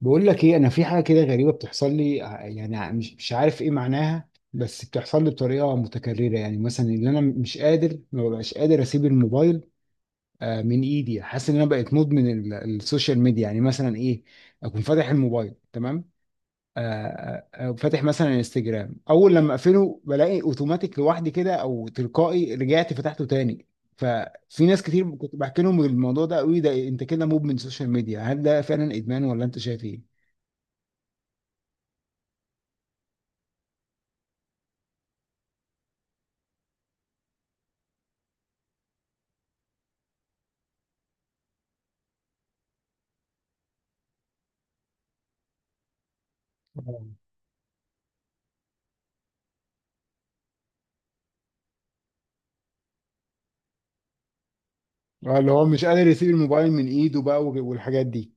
بقول لك ايه، انا في حاجه كده غريبه بتحصل لي مش عارف ايه معناها، بس بتحصل لي بطريقه متكرره. يعني مثلا، ان انا مش قادر، ما ببقاش قادر اسيب الموبايل من ايدي. حاسس ان انا بقيت مدمن السوشيال ميديا. يعني مثلا ايه؟ اكون فاتح الموبايل تمام. آه، فاتح مثلا انستجرام، اول لما اقفله بلاقي اوتوماتيك لوحدي كده او تلقائي رجعت فتحته تاني. ففي ناس كتير كنت بحكي لهم الموضوع ده، قوي ده انت كده مدمن سوشيال ميديا. هل ده فعلا ادمان ولا انت شايف ايه؟ اه، اللي هو مش قادر يسيب الموبايل من ايده بقى والحاجات دي.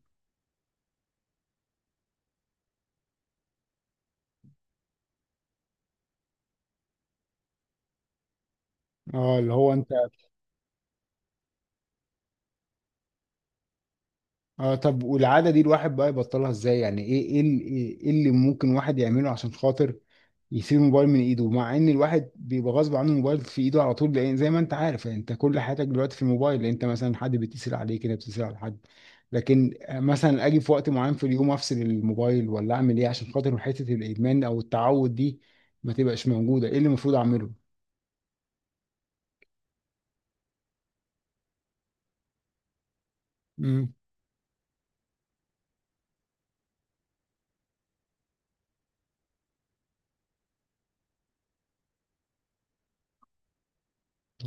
اه اللي هو انت. اه طب، والعادة دي الواحد بقى يبطلها ازاي؟ يعني ايه ايه ال- ايه إيه اللي ممكن واحد يعمله عشان خاطر يسيب الموبايل من ايده، مع ان الواحد بيبقى غصب عنه الموبايل في ايده على طول، لان زي ما انت عارف يعني انت كل حياتك دلوقتي في الموبايل، لان انت مثلا حد بيتصل عليك كده، بتتصل على حد. لكن مثلا اجي في وقت معين في اليوم افصل الموبايل ولا اعمل ايه عشان خاطر حتة الادمان او التعود دي ما تبقاش موجودة؟ ايه اللي المفروض اعمله؟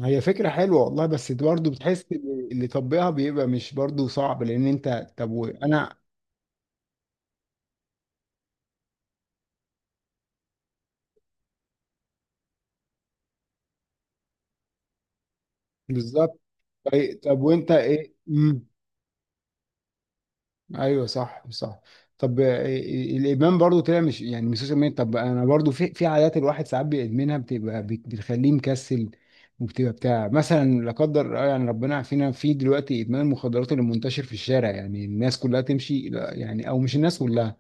هي فكرة حلوة والله، بس برضه بتحس إن اللي طبقها بيبقى، مش برضه صعب؟ لأن أنت طب وأنا. بالظبط. طيب، وأنت إيه؟ مم. أيوه صح، صح. طب إيه، الإدمان برضه طلع مش، يعني مش سوشيال ميديا. طب أنا برضه في عادات الواحد ساعات بيدمنها، بتبقى بتخليه مكسل. وبتبقى بتاع مثلا، لا قدر يعني ربنا يعافينا، في دلوقتي إدمان المخدرات اللي منتشر في الشارع. يعني الناس كلها تمشي، لا، يعني أو مش الناس كلها.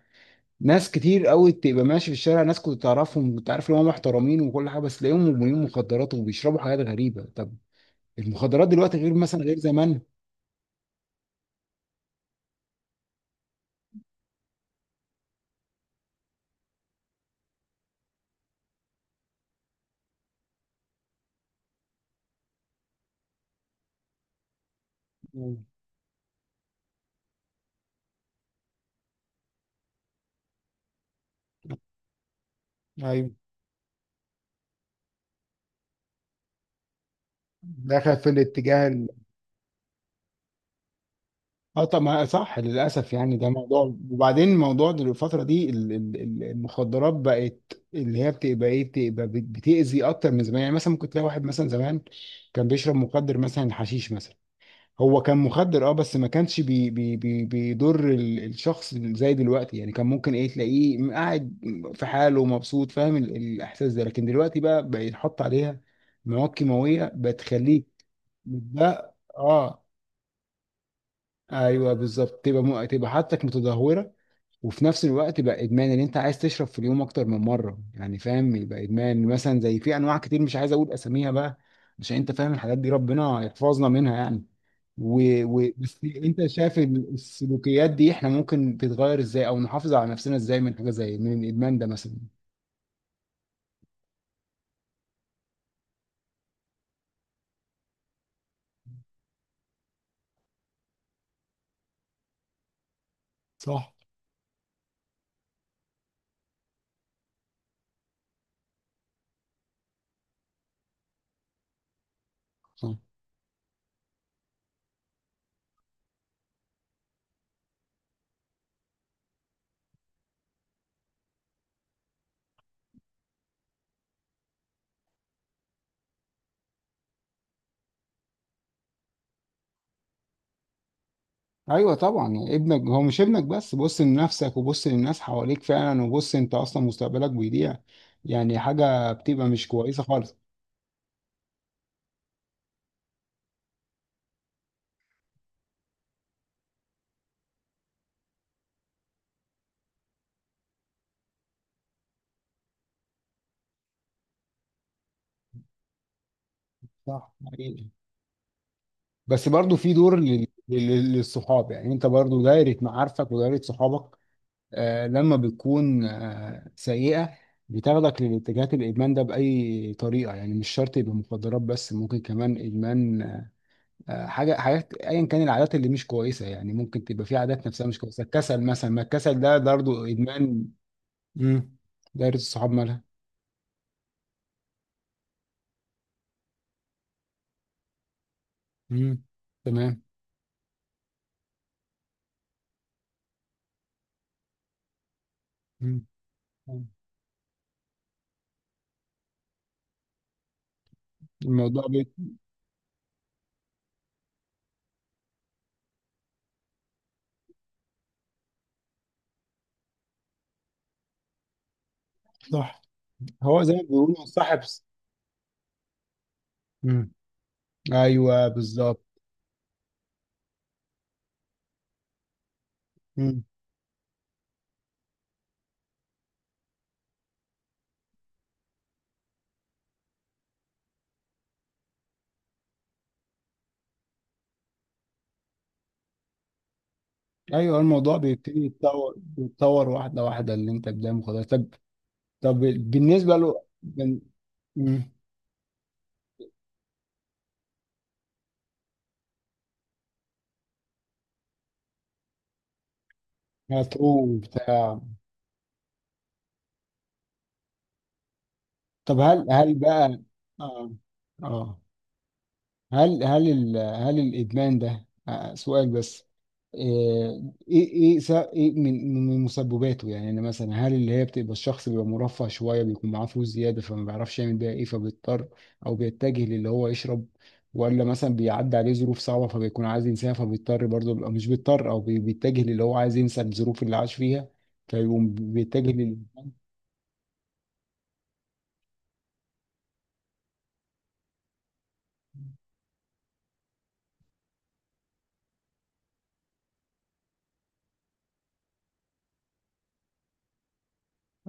ناس كتير قوي تبقى ماشي في الشارع، ناس كنت تعرفهم، كنت عارف ان هم محترمين وكل حاجه، بس تلاقيهم مدمنين مخدرات وبيشربوا حاجات غريبه. طب المخدرات دلوقتي غير مثلا، غير زمان. مم. ايوه، دخلت في الاتجاه اه طب، ما صح، للاسف يعني ده موضوع. وبعدين الموضوع الفتره دي المخدرات بقت اللي هي بتبقى ايه، بتبقى بتاذي اكتر من زمان. يعني مثلا ممكن تلاقي واحد مثلا زمان كان بيشرب مخدر، مثلا حشيش مثلا. هو كان مخدر اه، بس ما كانش بي بي بي بيضر الشخص زي دلوقتي. يعني كان ممكن ايه، تلاقيه قاعد في حاله مبسوط، فاهم الاحساس ده. لكن دلوقتي بقى، يتحط عليها مواد كيماويه بتخليك ده اه ايوه بالظبط، تبقى تبقى حالتك متدهوره. وفي نفس الوقت بقى ادمان، ان انت عايز تشرب في اليوم اكتر من مره. يعني فاهم، يبقى ادمان مثلا، زي في انواع كتير مش عايز اقول اساميها بقى، عشان انت فاهم الحاجات دي، ربنا يحفظنا منها يعني. بس انت شايف السلوكيات دي احنا ممكن تتغير ازاي، او نحافظ على نفسنا ازاي من حاجه زي من الادمان ده مثلا؟ صح. صح. ايوه طبعا، يعني ابنك هو، مش ابنك بس، بص لنفسك وبص للناس حواليك فعلا، وبص انت اصلا مستقبلك بيضيع. يعني حاجه بتبقى مش كويسه خالص. صح. بس برضو في دور للصحاب، يعني انت برضو دايرة معارفك ودايرة صحابك، لما بتكون سيئة بتاخدك للاتجاهات الإدمان ده بأي طريقة. يعني مش شرط يبقى مخدرات، بس ممكن كمان إدمان. آه حاجة حاجات أيا كان، العادات اللي مش كويسة. يعني ممكن تبقى في عادات نفسها مش كويسة، الكسل مثلا، ما الكسل ده برضو إدمان. مم. دايرة الصحاب مالها؟ مم. تمام. مم. الموضوع صح، هو زي ما بيقولوا صاحب. مم. ايوه بالظبط. مم. ايوه، الموضوع بيبتدي يتطور، يتطور واحده واحده اللي انت قدامه خلاص. طب، طب بالنسبه له مم. هتروح بتاع. طب هل بقى. اه اه. هل الادمان ده، سؤال بس، آه، ايه ايه س- ايه من مسبباته؟ يعني أنا مثلا، هل اللي هي بتبقى الشخص بيبقى مرفه شويه، بيكون معاه فلوس زياده فما بيعرفش يعمل بيها ايه، فبيضطر او بيتجه للي هو يشرب؟ ولا مثلا بيعدي عليه ظروف صعبه فبيكون عايز ينساها، فبيضطر برضه، بيبقى مش بيضطر او بيتجه للي هو عايز ينسى الظروف اللي عاش فيها فيقوم بيتجه لل.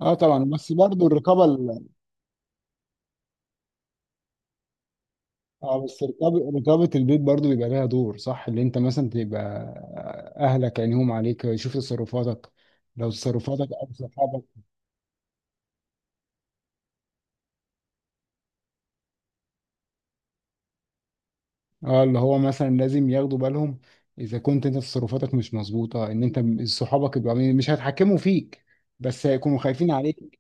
اه طبعا، بس برضه الرقابه. اه، بس رقابة، البيت برضو بيبقى لها دور، صح، اللي انت مثلا تبقى اهلك عينيهم عليك يشوف تصرفاتك، لو تصرفاتك او صحابك. اه اللي هو مثلا لازم ياخدوا بالهم، اذا كنت انت تصرفاتك مش مظبوطة، ان انت صحابك يبقوا مش هيتحكموا فيك، بس هيكونوا خايفين عليك.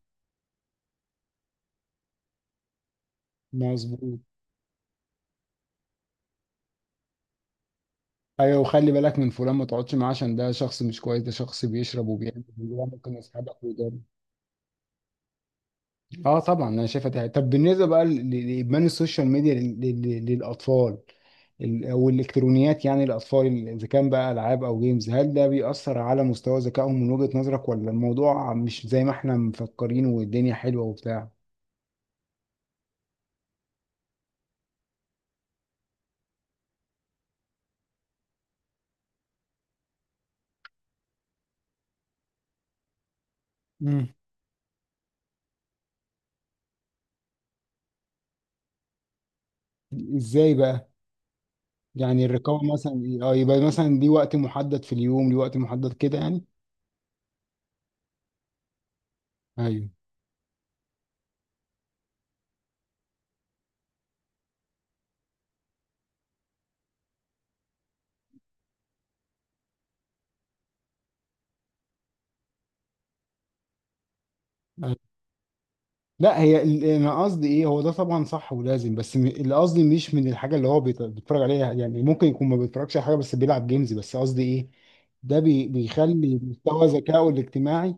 مظبوط. ايوه، وخلي بالك من فلان ما تقعدش معاه، عشان ده شخص مش كويس، ده شخص بيشرب وبيعمل، ده ممكن يسحبك. اه طبعا، انا شايفها دي حاجة. طب بالنسبه بقى لادمان السوشيال ميديا للاطفال، او الالكترونيات، يعني الاطفال اذا كان بقى العاب او جيمز، هل ده بيأثر على مستوى ذكائهم من وجهة نظرك، ولا الموضوع مش زي ما احنا مفكرين والدنيا حلوه وبتاع؟ مم. ازاي بقى؟ يعني الرقابه مثلا، اه يبقى مثلا ليه وقت محدد في اليوم، ليه وقت محدد كده يعني. ايوه. لا هي انا قصدي ايه، هو ده طبعا صح ولازم، بس اللي قصدي مش من الحاجه اللي هو بيتفرج عليها، يعني ممكن يكون ما بيتفرجش على حاجه بس بيلعب جيمز، بس قصدي ايه، ده بيخلي مستوى ذكائه الاجتماعي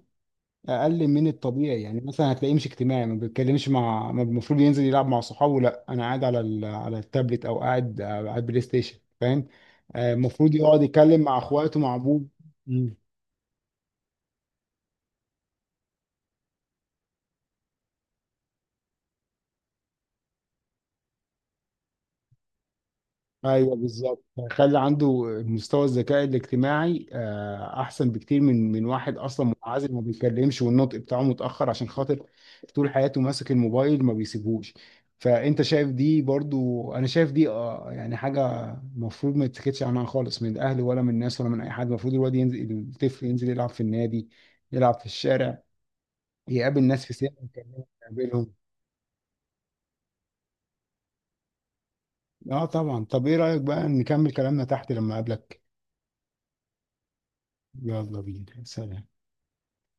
اقل من الطبيعي. يعني مثلا هتلاقيه مش اجتماعي، ما بيتكلمش مع، ما المفروض ينزل يلعب مع صحابه، لا انا قاعد على على التابلت او قاعد على البلاي ستيشن، فاهم؟ المفروض يقعد يتكلم مع اخواته، مع ابوه. ايوه بالظبط، هيخلي عنده مستوى الذكاء الاجتماعي احسن بكتير من واحد اصلا منعزل، ما بيتكلمش والنطق بتاعه متاخر، عشان خاطر طول حياته ماسك الموبايل ما بيسيبهوش. فانت شايف دي، برضو انا شايف دي يعني حاجه المفروض ما يتسكتش عنها خالص، من الاهل ولا من الناس ولا من اي حد. المفروض الواد ينزل، الطفل ينزل يلعب في النادي، يلعب في الشارع، يقابل ناس في سنه يكلمهم، يقابلهم. اه طبعا. طب ايه رايك بقى نكمل كلامنا تحت لما اقابلك؟ يلا بينا، سلام.